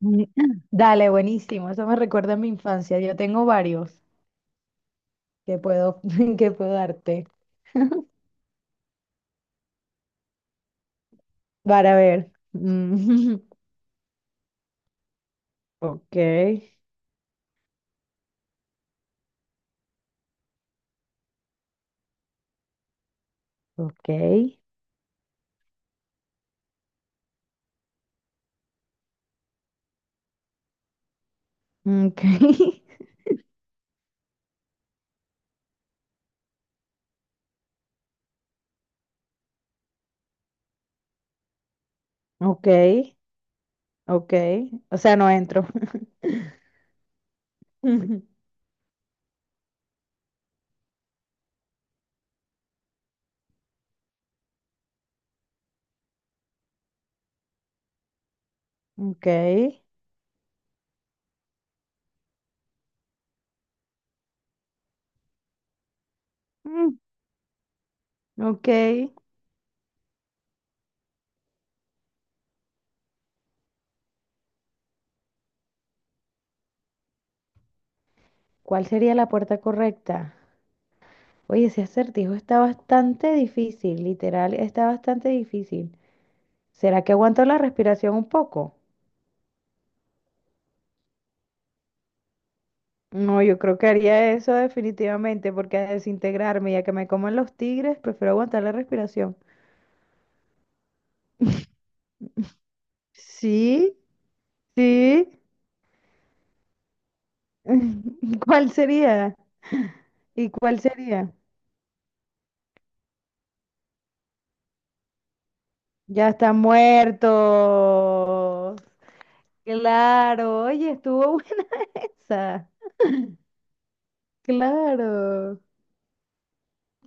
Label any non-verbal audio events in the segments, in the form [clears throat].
Mm, [clears throat] Dale, buenísimo. Eso me recuerda a mi infancia. Yo tengo varios que puedo, [laughs] que puedo darte. Para ver. Mm, [laughs] Ok, ok, ok, [laughs] ok, ok. O sea, no entro. [laughs] Ok, mm, ok. ¿Cuál sería la puerta correcta? Oye, ese acertijo está bastante difícil, literal, está bastante difícil. ¿Será que aguanto la respiración un poco? No, yo creo que haría eso definitivamente, porque a desintegrarme y a que me coman los tigres, prefiero aguantar la respiración. Sí, sí. [laughs] ¿Cuál sería? ¿Y cuál sería? Ya está muerto. Claro, oye, estuvo [laughs] buena esa. Claro.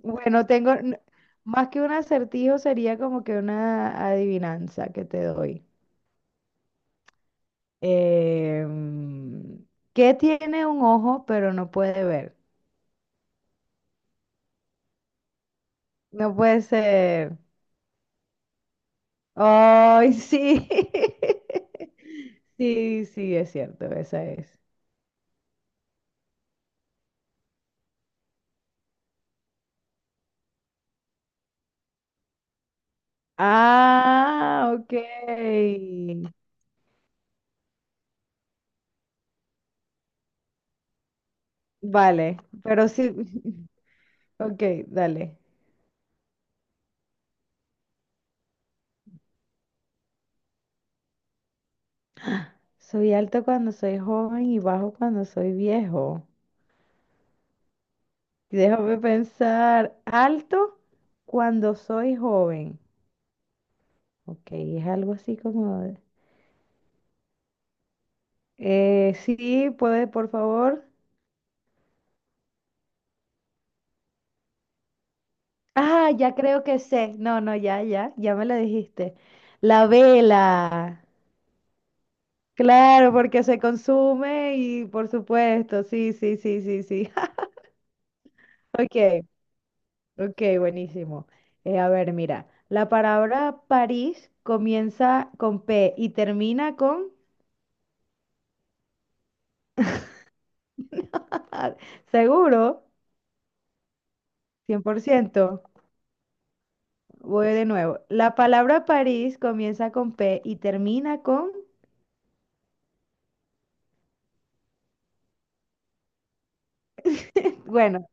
Bueno, tengo más que un acertijo, sería como que una adivinanza que te doy. Em, ¿Qué tiene un ojo pero no puede ver? No puede ser. Ay, sí. [laughs] Sí, sí, es cierto, esa es. Ah, ok. Vale, pero sí. [laughs] Ok, dale. Soy alto cuando soy joven y bajo cuando soy viejo. Déjame pensar. Alto cuando soy joven. Ok, es algo así como... de- sí, puede, por favor. Ah, ya creo que sé. No, no, ya, ya, ya me lo dijiste. La vela. Claro, porque se consume y por supuesto, sí, sí, sí, sí, sí. [laughs] Ok, ok, buenísimo. A ver, mira, la palabra París comienza con P y termina con... [laughs] Seguro, 100%. Voy de nuevo. La palabra París comienza con P y termina con... Bueno,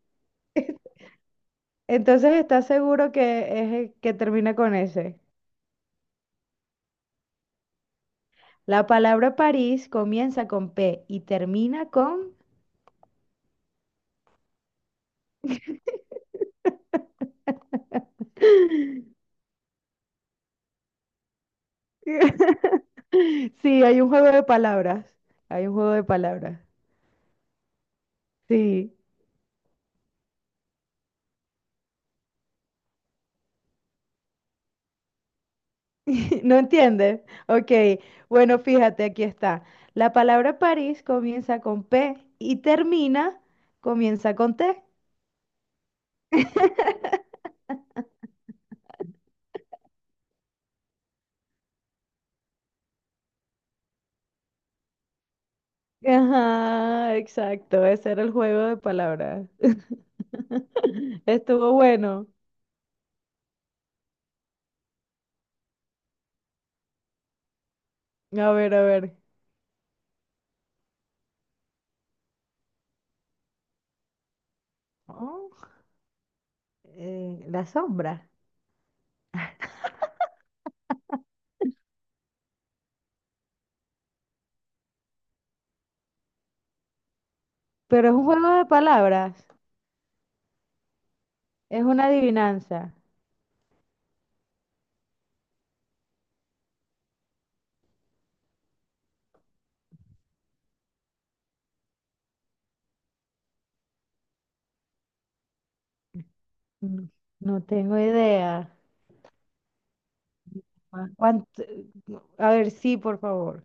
entonces, ¿estás seguro que es el que termina con ese? La palabra París comienza con P y termina con... [laughs] Sí, hay un juego de palabras. Hay un juego de palabras. Sí. [laughs] ¿No entiendes? Ok. Bueno, fíjate, aquí está. La palabra París comienza con P y termina, comienza con T. [laughs] Ajá, exacto. Ese era el juego de palabras. [laughs] Estuvo bueno. A ver, a ver. Oh, la sombra. Pero es un juego de palabras. Es una adivinanza. No, no tengo idea. Ah. A ver, sí, por favor.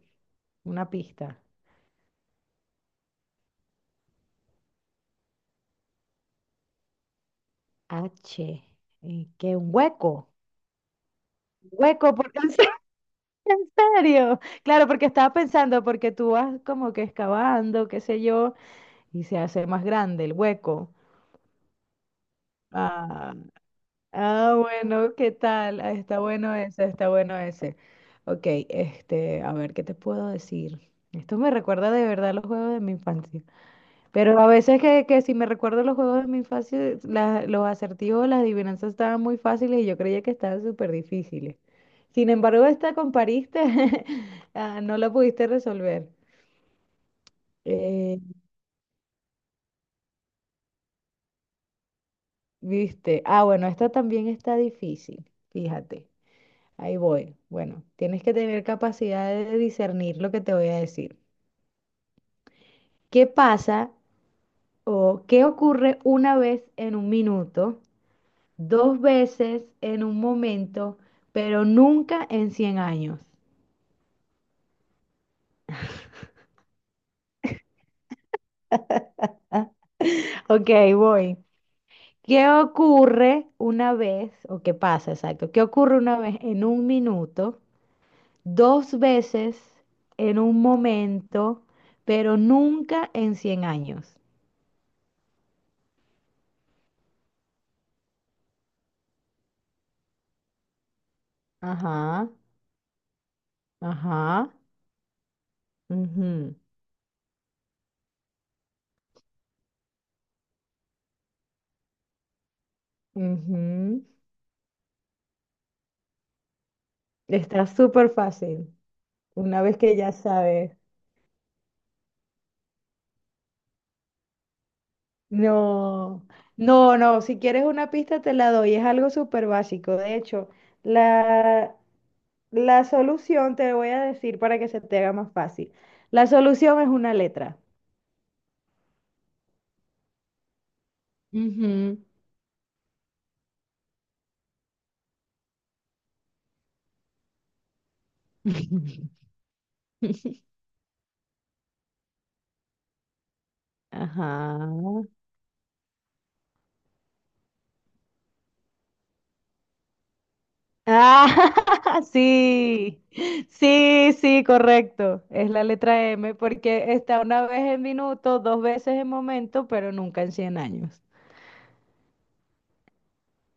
Una pista. H. ¿Qué? ¿Un hueco? Hueco, porque [laughs] en serio. Claro, porque estaba pensando, porque tú vas como que excavando, qué sé yo, y se hace más grande el hueco. Ah, bueno, ¿qué tal? Ah, está bueno ese, está bueno ese. Ok, este, a ver, ¿qué te puedo decir? Esto me recuerda de verdad los juegos de mi infancia. Pero a veces que si me recuerdo los juegos de mi infancia, los acertijos, las adivinanzas estaban muy fáciles y yo creía que estaban súper difíciles. Sin embargo, esta compariste, [laughs] ah, no la pudiste resolver. Eh, ¿Viste? Ah, bueno, esta también está difícil, fíjate. Ahí voy. Bueno, tienes que tener capacidad de discernir lo que te voy a decir. ¿Qué pasa o qué ocurre una vez en un minuto, dos veces en un momento, pero nunca en 100 años? Ok, voy. ¿Qué ocurre una vez, o qué pasa, exacto? ¿Qué ocurre una vez en un minuto, dos veces en un momento, pero nunca en cien años? Ajá, ajá. Ujú. Ujú. Está súper fácil, una vez que ya sabes. No, no, no, si quieres una pista te la doy, es algo súper básico. De hecho, la, la solución te voy a decir para que se te haga más fácil. La solución es una letra. Ujú. [laughs] Ajá. Ah, [laughs] sí, sí, sí, correcto. Es la letra M porque está una vez en minuto, dos veces en momento, pero nunca en cien años.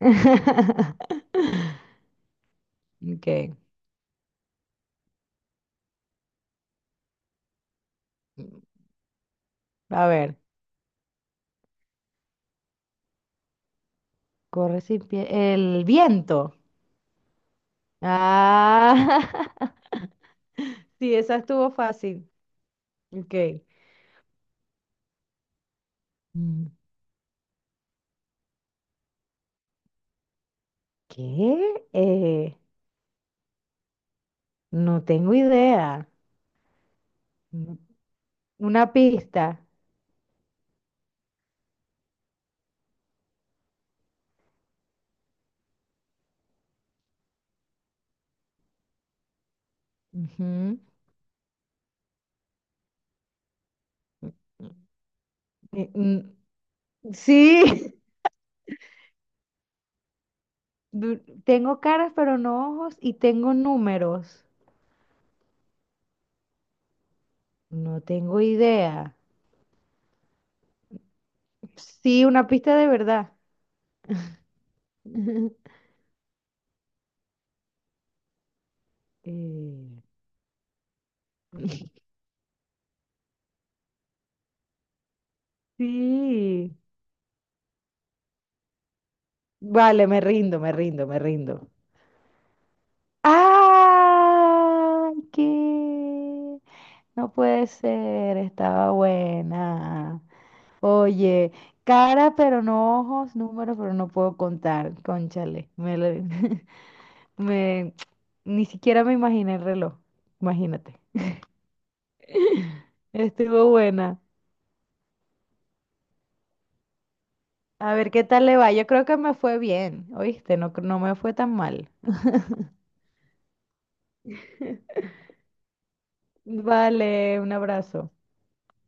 [laughs] Ok, a ver, corre sin pie. El viento. Ah, [laughs] sí, esa estuvo fácil. Ok. Mm, ¿Qué? No tengo idea. Mm, Una pista. Ujú. Eh, mm, Sí, [laughs] du- tengo caras pero no ojos y tengo números. No tengo idea. Sí, una pista de verdad. [laughs] Eh, sí. Vale, me rindo, me rindo, me rindo. ¡Ay, qué! No puede ser, estaba buena. Oye, cara pero no ojos, números pero no puedo contar. Cónchale, [laughs] Me, ni siquiera me imaginé el reloj, imagínate. [laughs] Estuvo buena. A ver qué tal le va. Yo creo que me fue bien, ¿oíste? No, no me fue tan mal. Vale, un abrazo.